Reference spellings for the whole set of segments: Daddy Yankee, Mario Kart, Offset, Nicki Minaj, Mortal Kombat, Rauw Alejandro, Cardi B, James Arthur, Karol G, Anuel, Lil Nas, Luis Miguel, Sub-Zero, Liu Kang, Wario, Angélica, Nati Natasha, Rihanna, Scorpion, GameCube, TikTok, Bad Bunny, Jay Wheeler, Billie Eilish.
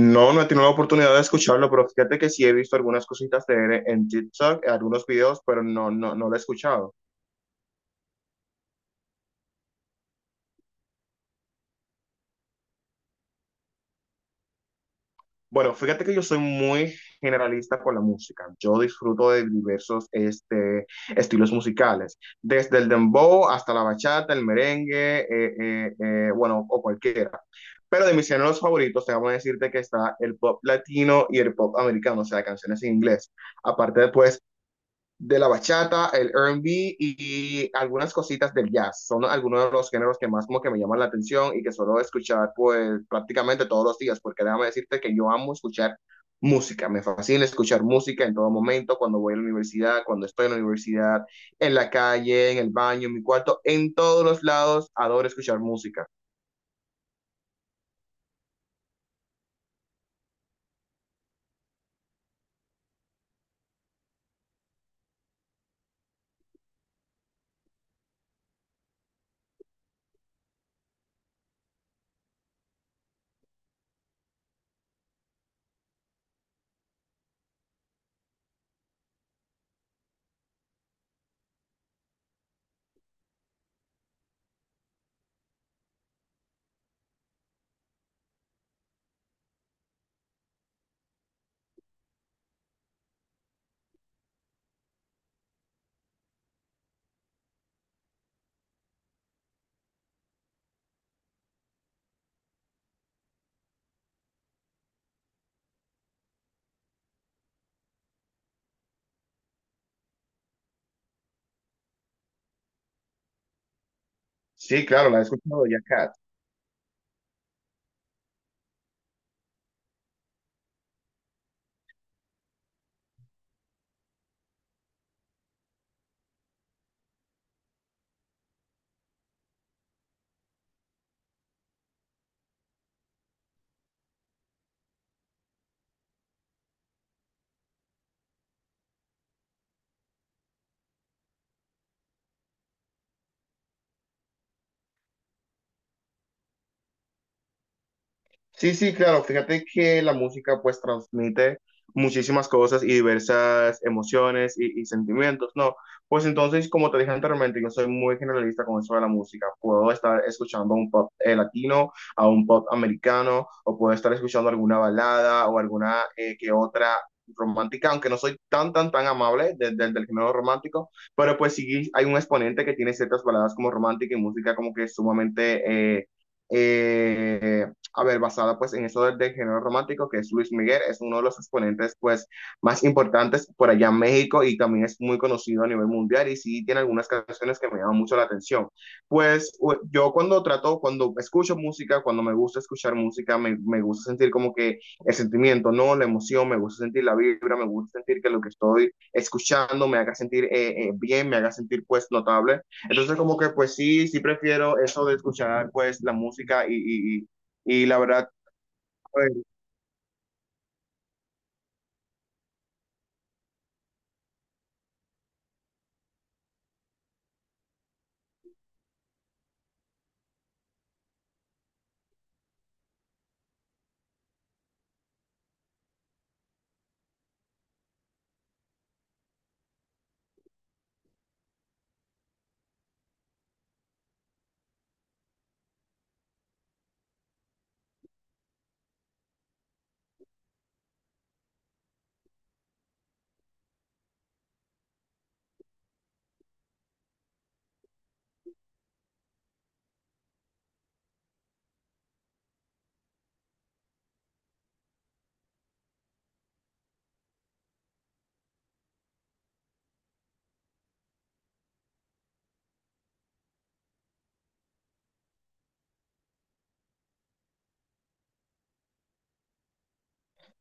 No, no he tenido la oportunidad de escucharlo, pero fíjate que sí he visto algunas cositas de él en TikTok, algunos videos, pero no lo he escuchado. Bueno, fíjate que yo soy muy generalista con la música. Yo disfruto de diversos estilos musicales, desde el dembow hasta la bachata, el merengue, bueno, o cualquiera. Pero de mis géneros favoritos, te voy a decirte que está el pop latino y el pop americano, o sea, canciones en inglés. Aparte, después de la bachata, el R&B y algunas cositas del jazz. Son algunos de los géneros que más como que me llaman la atención y que suelo escuchar pues prácticamente todos los días, porque déjame decirte que yo amo escuchar música, me fascina escuchar música en todo momento, cuando voy a la universidad, cuando estoy en la universidad, en la calle, en el baño, en mi cuarto, en todos los lados, adoro escuchar música. Sí, claro, la he escuchado ya, Kat. Sí, sí, claro. Fíjate que la música pues transmite muchísimas cosas y diversas emociones y sentimientos, ¿no? Pues entonces, como te dije anteriormente, yo soy muy generalista con eso de la música. Puedo estar escuchando un pop latino, a un pop americano, o puedo estar escuchando alguna balada o alguna que otra romántica, aunque no soy tan, tan, tan amable del género romántico, pero pues sí hay un exponente que tiene ciertas baladas como romántica y música como que sumamente... eh, a ver, basada pues en eso del género romántico, que es Luis Miguel, es uno de los exponentes pues más importantes por allá en México y también es muy conocido a nivel mundial y sí tiene algunas canciones que me llaman mucho la atención. Pues yo cuando trato, cuando escucho música, cuando me gusta escuchar música, me gusta sentir como que el sentimiento, ¿no? La emoción, me gusta sentir la vibra, me gusta sentir que lo que estoy escuchando me haga sentir bien, me haga sentir pues notable. Entonces como que pues sí, sí prefiero eso de escuchar pues la música y la verdad, pues,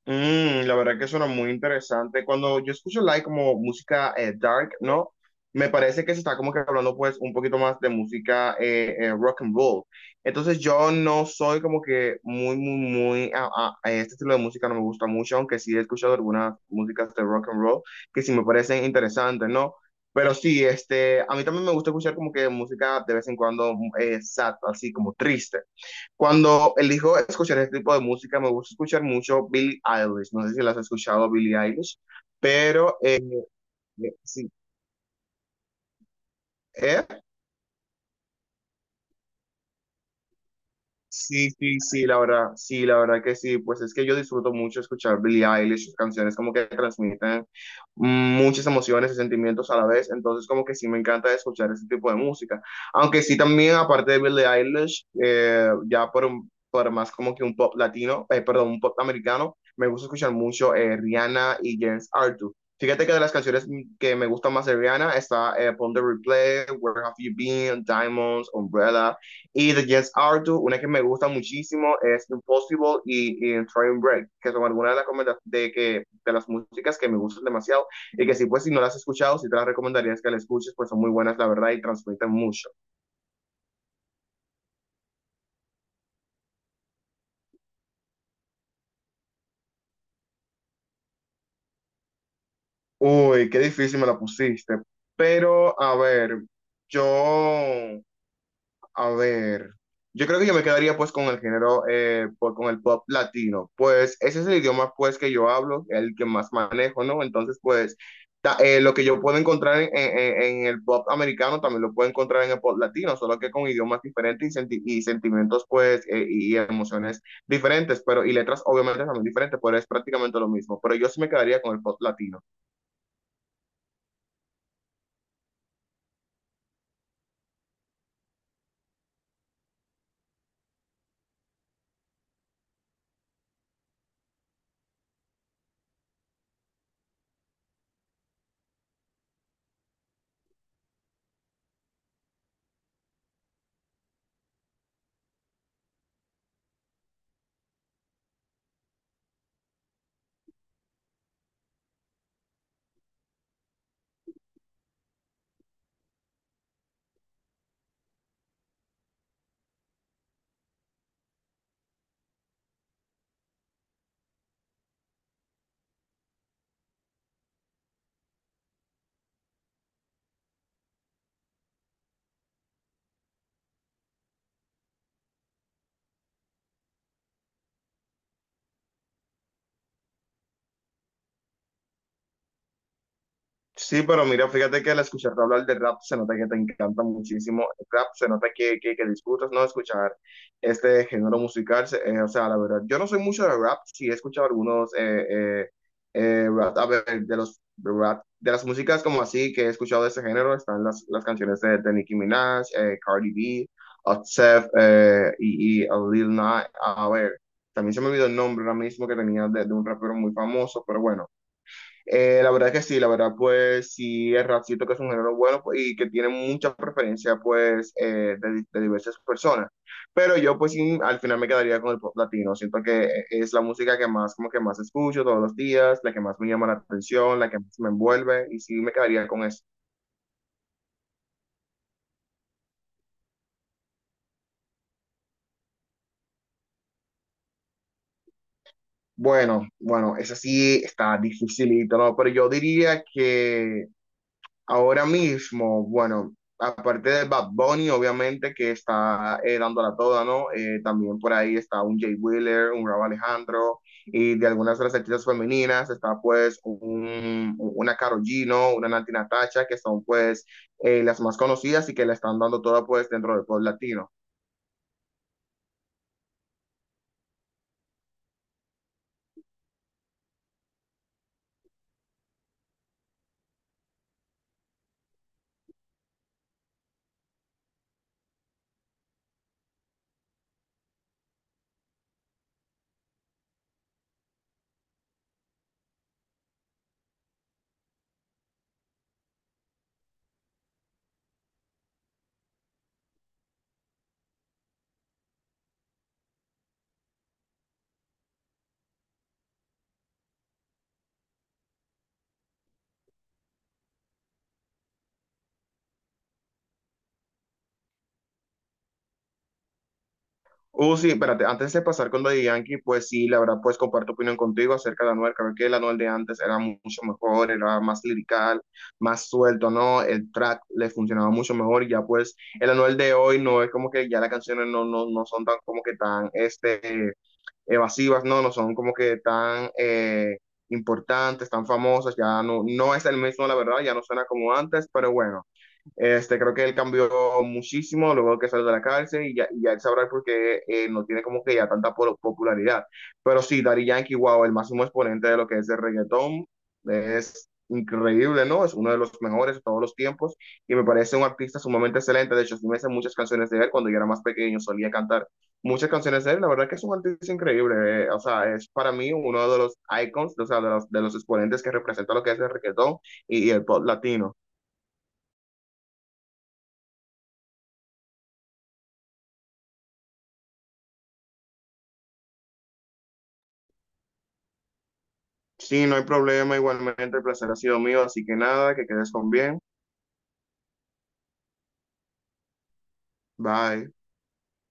la verdad que suena muy interesante. Cuando yo escucho like como música dark, ¿no? Me parece que se está como que hablando pues un poquito más de música rock and roll. Entonces yo no soy como que muy, muy, muy, a este estilo de música no me gusta mucho, aunque sí he escuchado algunas músicas de rock and roll que sí me parecen interesantes, ¿no? Pero sí, este, a mí también me gusta escuchar como que música de vez en cuando sad, así como triste. Cuando elijo escuchar este tipo de música, me gusta escuchar mucho Billie Eilish. No sé si las has escuchado, Billie Eilish, pero sí, ¿eh? Sí, sí, sí, la verdad que sí, pues es que yo disfruto mucho escuchar Billie Eilish, sus canciones como que transmiten muchas emociones y sentimientos a la vez, entonces como que sí me encanta escuchar ese tipo de música, aunque sí también aparte de Billie Eilish, ya por más como que un pop latino, perdón, un pop americano, me gusta escuchar mucho Rihanna y James Arthur. Fíjate que de las canciones que me gustan más de Rihanna está Pon de Replay, Where Have You Been, Diamonds, Umbrella. Y de Jess Arthur, una que me gusta muchísimo es Impossible y Train Break, que son algunas de de las músicas que me gustan demasiado y que sí, pues si no las has escuchado, sí te las recomendaría que las escuches, pues son muy buenas, la verdad, y transmiten mucho. Uy, qué difícil me la pusiste. Pero, a ver, yo A ver, yo creo que yo me quedaría pues con el género, con el pop latino, pues ese es el idioma pues que yo hablo, el que más manejo, ¿no? Entonces pues lo que yo puedo encontrar en el pop americano también lo puedo encontrar en el pop latino, solo que con idiomas diferentes y sentimientos pues y emociones diferentes, pero y letras obviamente también diferentes, pero es prácticamente lo mismo, pero yo sí me quedaría con el pop latino. Sí, pero mira, fíjate que al escucharte hablar de rap se nota que te encanta muchísimo el rap, se nota que disfrutas, ¿no? Escuchar este género musical, o sea, la verdad, yo no soy mucho de rap, sí he escuchado algunos rap, a ver, de los rap, de las músicas como así que he escuchado de ese género, están las canciones de Nicki Minaj, Cardi B, Offset y Lil Nas, a ver, también se me olvidó el nombre ahora mismo que tenía de un rapero muy famoso, pero bueno. La verdad que sí, la verdad pues sí, el rap siento que es un género bueno pues, y que tiene mucha preferencia pues de diversas personas. Pero yo pues sí, al final me quedaría con el pop latino. Siento que es la música que más como que más escucho todos los días, la que más me llama la atención, la que más me envuelve y sí me quedaría con eso. Bueno, bueno, esa sí está dificilito, ¿no? Pero yo diría que ahora mismo, bueno, aparte de Bad Bunny, obviamente, que está dándola toda, ¿no? También por ahí está un Jay Wheeler, un Rauw Alejandro, y de algunas de las artistas femeninas está pues una Karol G, ¿no? Una Nati Natasha, que son pues las más conocidas y que la están dando toda pues dentro del pop latino. Sí, espérate, antes de pasar con lo de Yankee, pues sí, la verdad, pues comparto opinión contigo acerca de Anuel, creo que el Anuel de antes era mucho mejor, era más lirical, más suelto, ¿no? El track le funcionaba mucho mejor, ya pues el Anuel de hoy no es como que ya las canciones no son tan como que tan, este, evasivas, ¿no? No son como que tan importantes, tan famosas, ya no es el mismo, la verdad, ya no suena como antes, pero bueno. Este, creo que él cambió muchísimo luego que salió de la cárcel y ya él sabrá por qué no tiene como que ya tanta popularidad. Pero sí, Daddy Yankee, wow, el máximo exponente de lo que es el reggaetón, es increíble, ¿no? Es uno de los mejores de todos los tiempos y me parece un artista sumamente excelente. De hecho, sí me sé muchas canciones de él cuando yo era más pequeño, solía cantar muchas canciones de él. La verdad que es un artista increíble, o sea, es para mí uno de los icons, o sea, de de los exponentes que representa lo que es el reggaetón y el pop latino. Sí, no hay problema, igualmente el placer ha sido mío, así que nada, que quedes con bien. Bye.